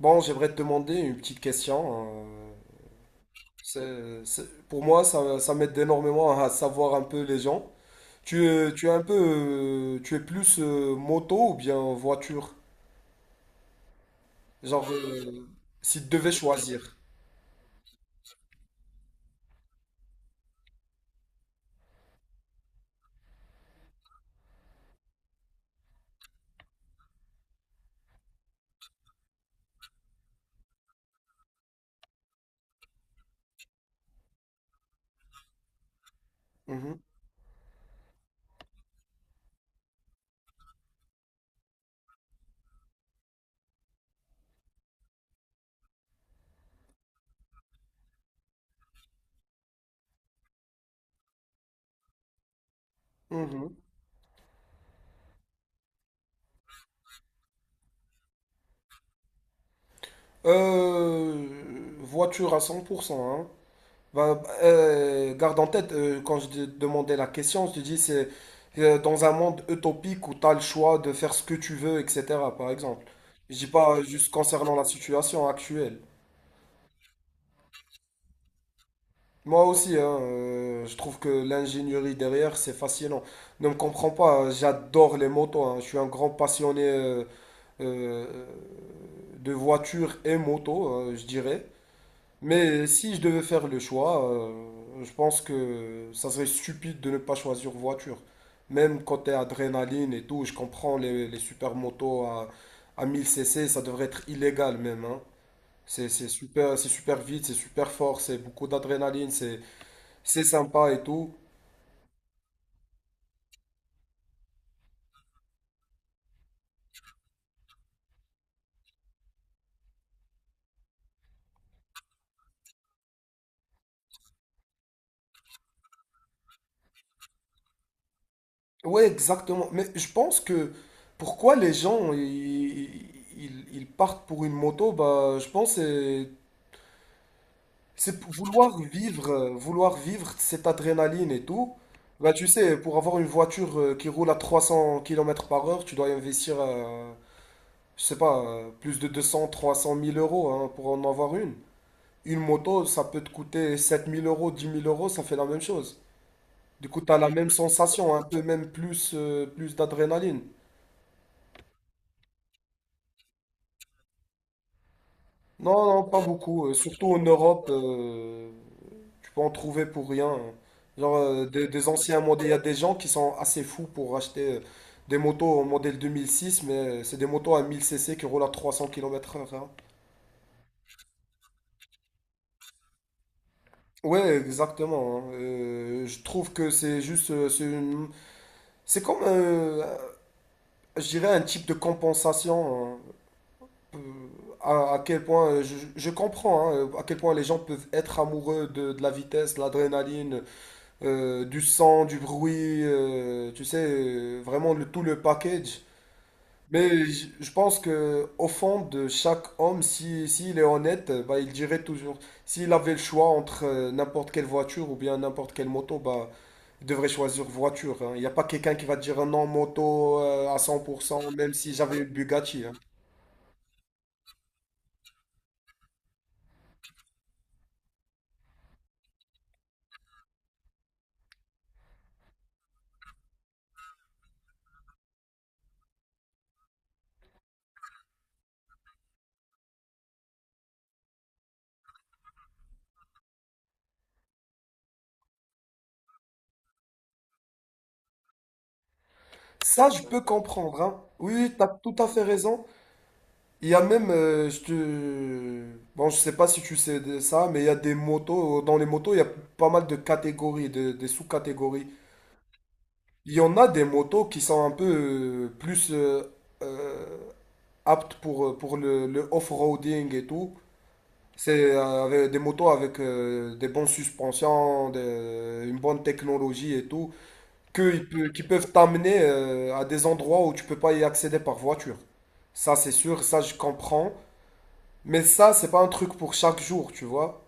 Bon, j'aimerais te demander une petite question. Pour moi, ça m'aide énormément à savoir un peu les gens. Tu es un peu, tu es plus moto ou bien voiture? Genre, si tu devais choisir. Mhm, mhm. Voiture à 100%, hein. Bah, garde en tête, quand je te demandais la question, je te dis c'est, dans un monde utopique où tu as le choix de faire ce que tu veux, etc. Par exemple. Je dis pas, juste concernant la situation actuelle. Moi aussi, hein, je trouve que l'ingénierie derrière, c'est fascinant. Ne me comprends pas, hein, j'adore les motos, hein. Je suis un grand passionné euh, de voitures et motos, je dirais. Mais si je devais faire le choix, je pense que ça serait stupide de ne pas choisir voiture. Même côté adrénaline et tout, je comprends les supermotos à 1000 cc, ça devrait être illégal même, hein. C'est super, c'est super vite, c'est super fort, c'est beaucoup d'adrénaline, c'est sympa et tout. Ouais, exactement. Mais je pense que pourquoi les gens ils partent pour une moto, bah, je pense que c'est C'est pour vouloir vivre cette adrénaline et tout. Bah, tu sais, pour avoir une voiture, qui roule à 300 km par heure, tu dois y investir, je sais pas, plus de 200, 300 000 euros, hein, pour en avoir une. Une moto, ça peut te coûter 7 000 euros, 10 000 euros, ça fait la même chose. Du coup, t'as la même sensation, un peu même plus d'adrénaline. Non, non, pas beaucoup, surtout en Europe. Tu peux en trouver pour rien, hein. Genre, des anciens modèles, il y a des gens qui sont assez fous pour acheter, des motos en modèle 2006, mais, c'est des motos à 1000 cc qui roulent à 300 km/h, hein. Ouais, exactement, hein. Je trouve que c'est juste. C'est comme, je dirais, un type de compensation, hein. Euh, à quel point. Je comprends, hein, à quel point les gens peuvent être amoureux de la vitesse, de l'adrénaline, du son, du bruit, tu sais, vraiment tout le package. Mais je pense que au fond de chaque homme, si, s'il est honnête, bah, il dirait toujours, s'il avait le choix entre, n'importe quelle voiture ou bien n'importe quelle moto, bah, il devrait choisir voiture, hein. Il n'y a pas quelqu'un qui va te dire ah non moto, à 100%, même si j'avais une Bugatti, hein. Ça, je peux comprendre, hein. Oui, tu as tout à fait raison. Il y a même, bon, je sais pas si tu sais de ça, mais il y a des motos, dans les motos, il y a pas mal de catégories, des sous-catégories. Il y en a des motos qui sont un peu plus euh, aptes pour, le off-roading et tout. C'est, avec des motos avec, des bonnes suspensions, une bonne technologie et tout, qui peuvent t'amener, à des endroits où tu peux pas y accéder par voiture. Ça, c'est sûr, ça, je comprends. Mais ça, c'est pas un truc pour chaque jour, tu vois.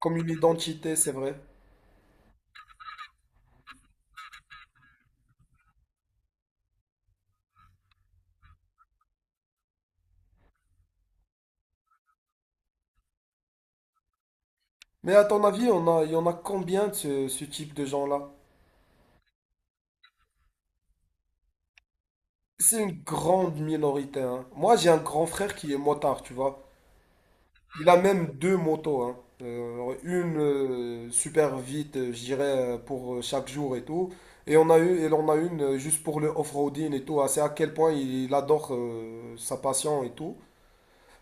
Comme une identité, c'est vrai. Mais à ton avis, il y en a combien de ce type de gens-là? C'est une grande minorité, hein. Moi, j'ai un grand frère qui est motard, tu vois. Il a même deux motos, hein. Une, super vite, je dirais, pour, chaque jour et tout. Et on a une, juste pour le off-roading et tout, hein. C'est à quel point il adore, sa passion et tout.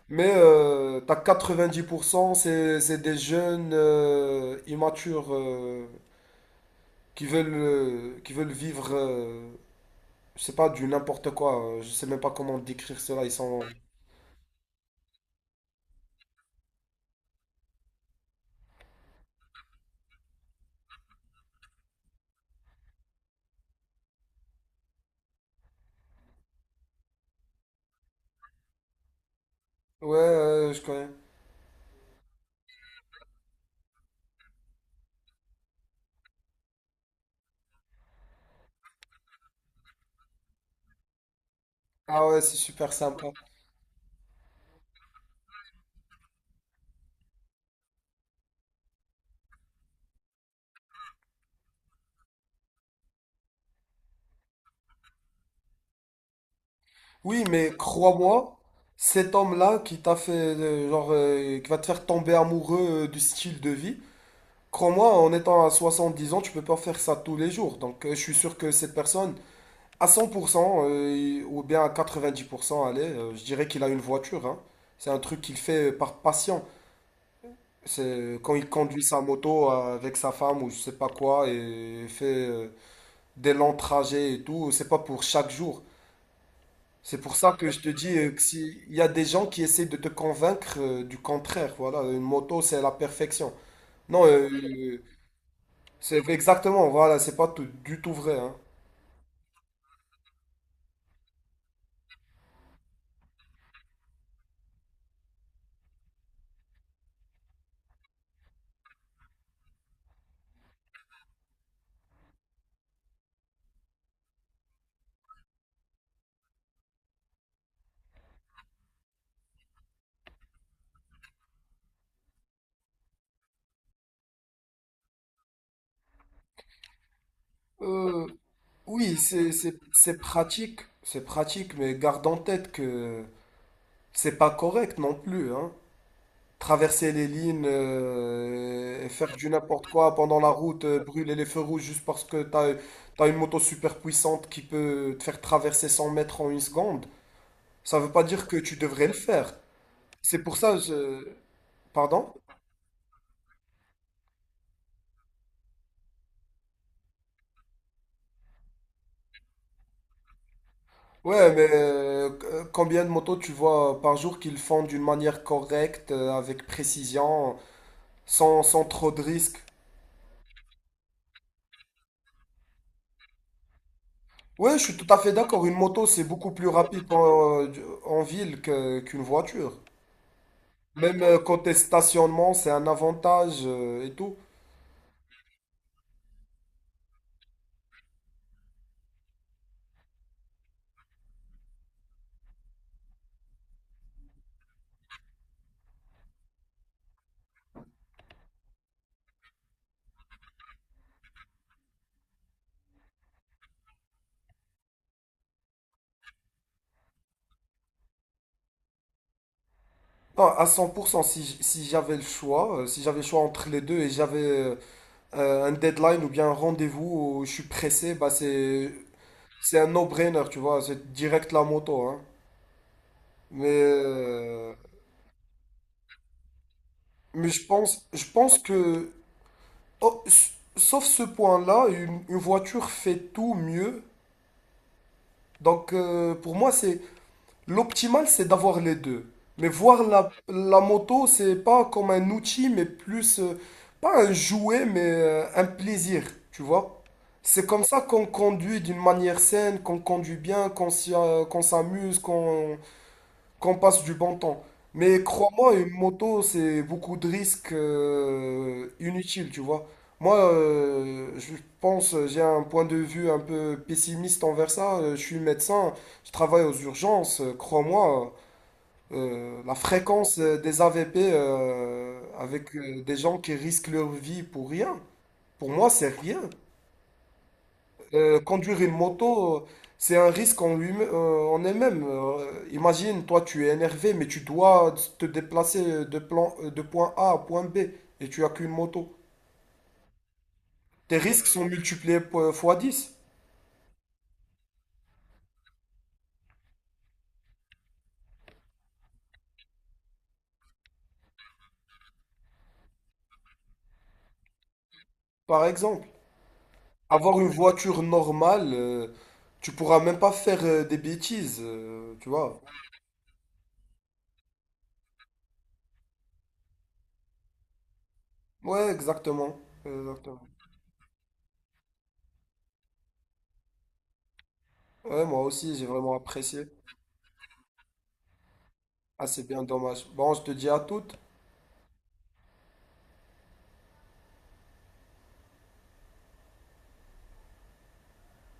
Mais, t'as 90%, c'est des jeunes, immatures, qui veulent vivre, je sais pas, du n'importe quoi. Je sais même pas comment décrire cela. Ouais, je connais. Ah ouais, c'est super sympa. Oui, mais crois-moi, cet homme-là qui t'a fait, genre, qui va te faire tomber amoureux, du style de vie, crois-moi, en étant à 70 ans, tu peux pas faire ça tous les jours. Donc, je suis sûr que cette personne... À 100%, ou bien à 90%, allez, je dirais qu'il a une voiture, hein. C'est un truc qu'il fait par passion. C'est, quand il conduit sa moto, avec sa femme ou je sais pas quoi et fait, des longs trajets et tout, c'est pas pour chaque jour. C'est pour ça que je te dis, que s'il y a des gens qui essaient de te convaincre, du contraire, voilà, une moto c'est la perfection. Non, c'est exactement, voilà, c'est pas du tout vrai, hein. Euh, Oui, c'est pratique, c'est pratique, mais garde en tête que c'est pas correct non plus, hein. Traverser les lignes, et faire du n'importe quoi pendant la route, brûler les feux rouges juste parce que t'as une moto super puissante qui peut te faire traverser 100 mètres en une seconde, ça veut pas dire que tu devrais le faire. C'est pour ça, je... Pardon? Ouais, mais, combien de motos tu vois par jour qu'ils font d'une manière correcte, avec précision? Sans trop de risques. Ouais, je suis tout à fait d'accord. Une moto, c'est beaucoup plus rapide en ville qu'une voiture. Même, côté stationnement, c'est un avantage, et tout. Non, à 100%, si j'avais le choix, entre les deux et j'avais, un deadline ou bien un rendez-vous où je suis pressé, bah c'est un no-brainer, tu vois. C'est direct la moto, hein. Mais, euh, mais je pense que, oh, sauf ce point-là, une voiture fait tout mieux. Donc, pour moi, c'est l'optimal, c'est d'avoir les deux. Mais voir la moto, c'est pas comme un outil, mais plus, pas un jouet, mais, un plaisir, tu vois. C'est comme ça qu'on conduit d'une manière saine, qu'on conduit bien, qu'on s'amuse, qu'on passe du bon temps. Mais crois-moi, une moto, c'est beaucoup de risques, inutiles, tu vois. Moi, j'ai un point de vue un peu pessimiste envers ça. Je suis médecin, je travaille aux urgences. Crois-moi, la fréquence, des AVP, avec, des gens qui risquent leur vie pour rien, pour moi, c'est rien. Conduire une moto, c'est un risque en elle-même. Imagine, toi, tu es énervé, mais tu dois te déplacer de point A à point B et tu as qu'une moto. Tes risques sont multipliés fois dix, par exemple. Avoir une voiture normale, tu pourras même pas faire, des bêtises, tu vois. Ouais, exactement. Exactement. Ouais, moi aussi, j'ai vraiment apprécié. Ah, c'est bien dommage. Bon, je te dis à toutes.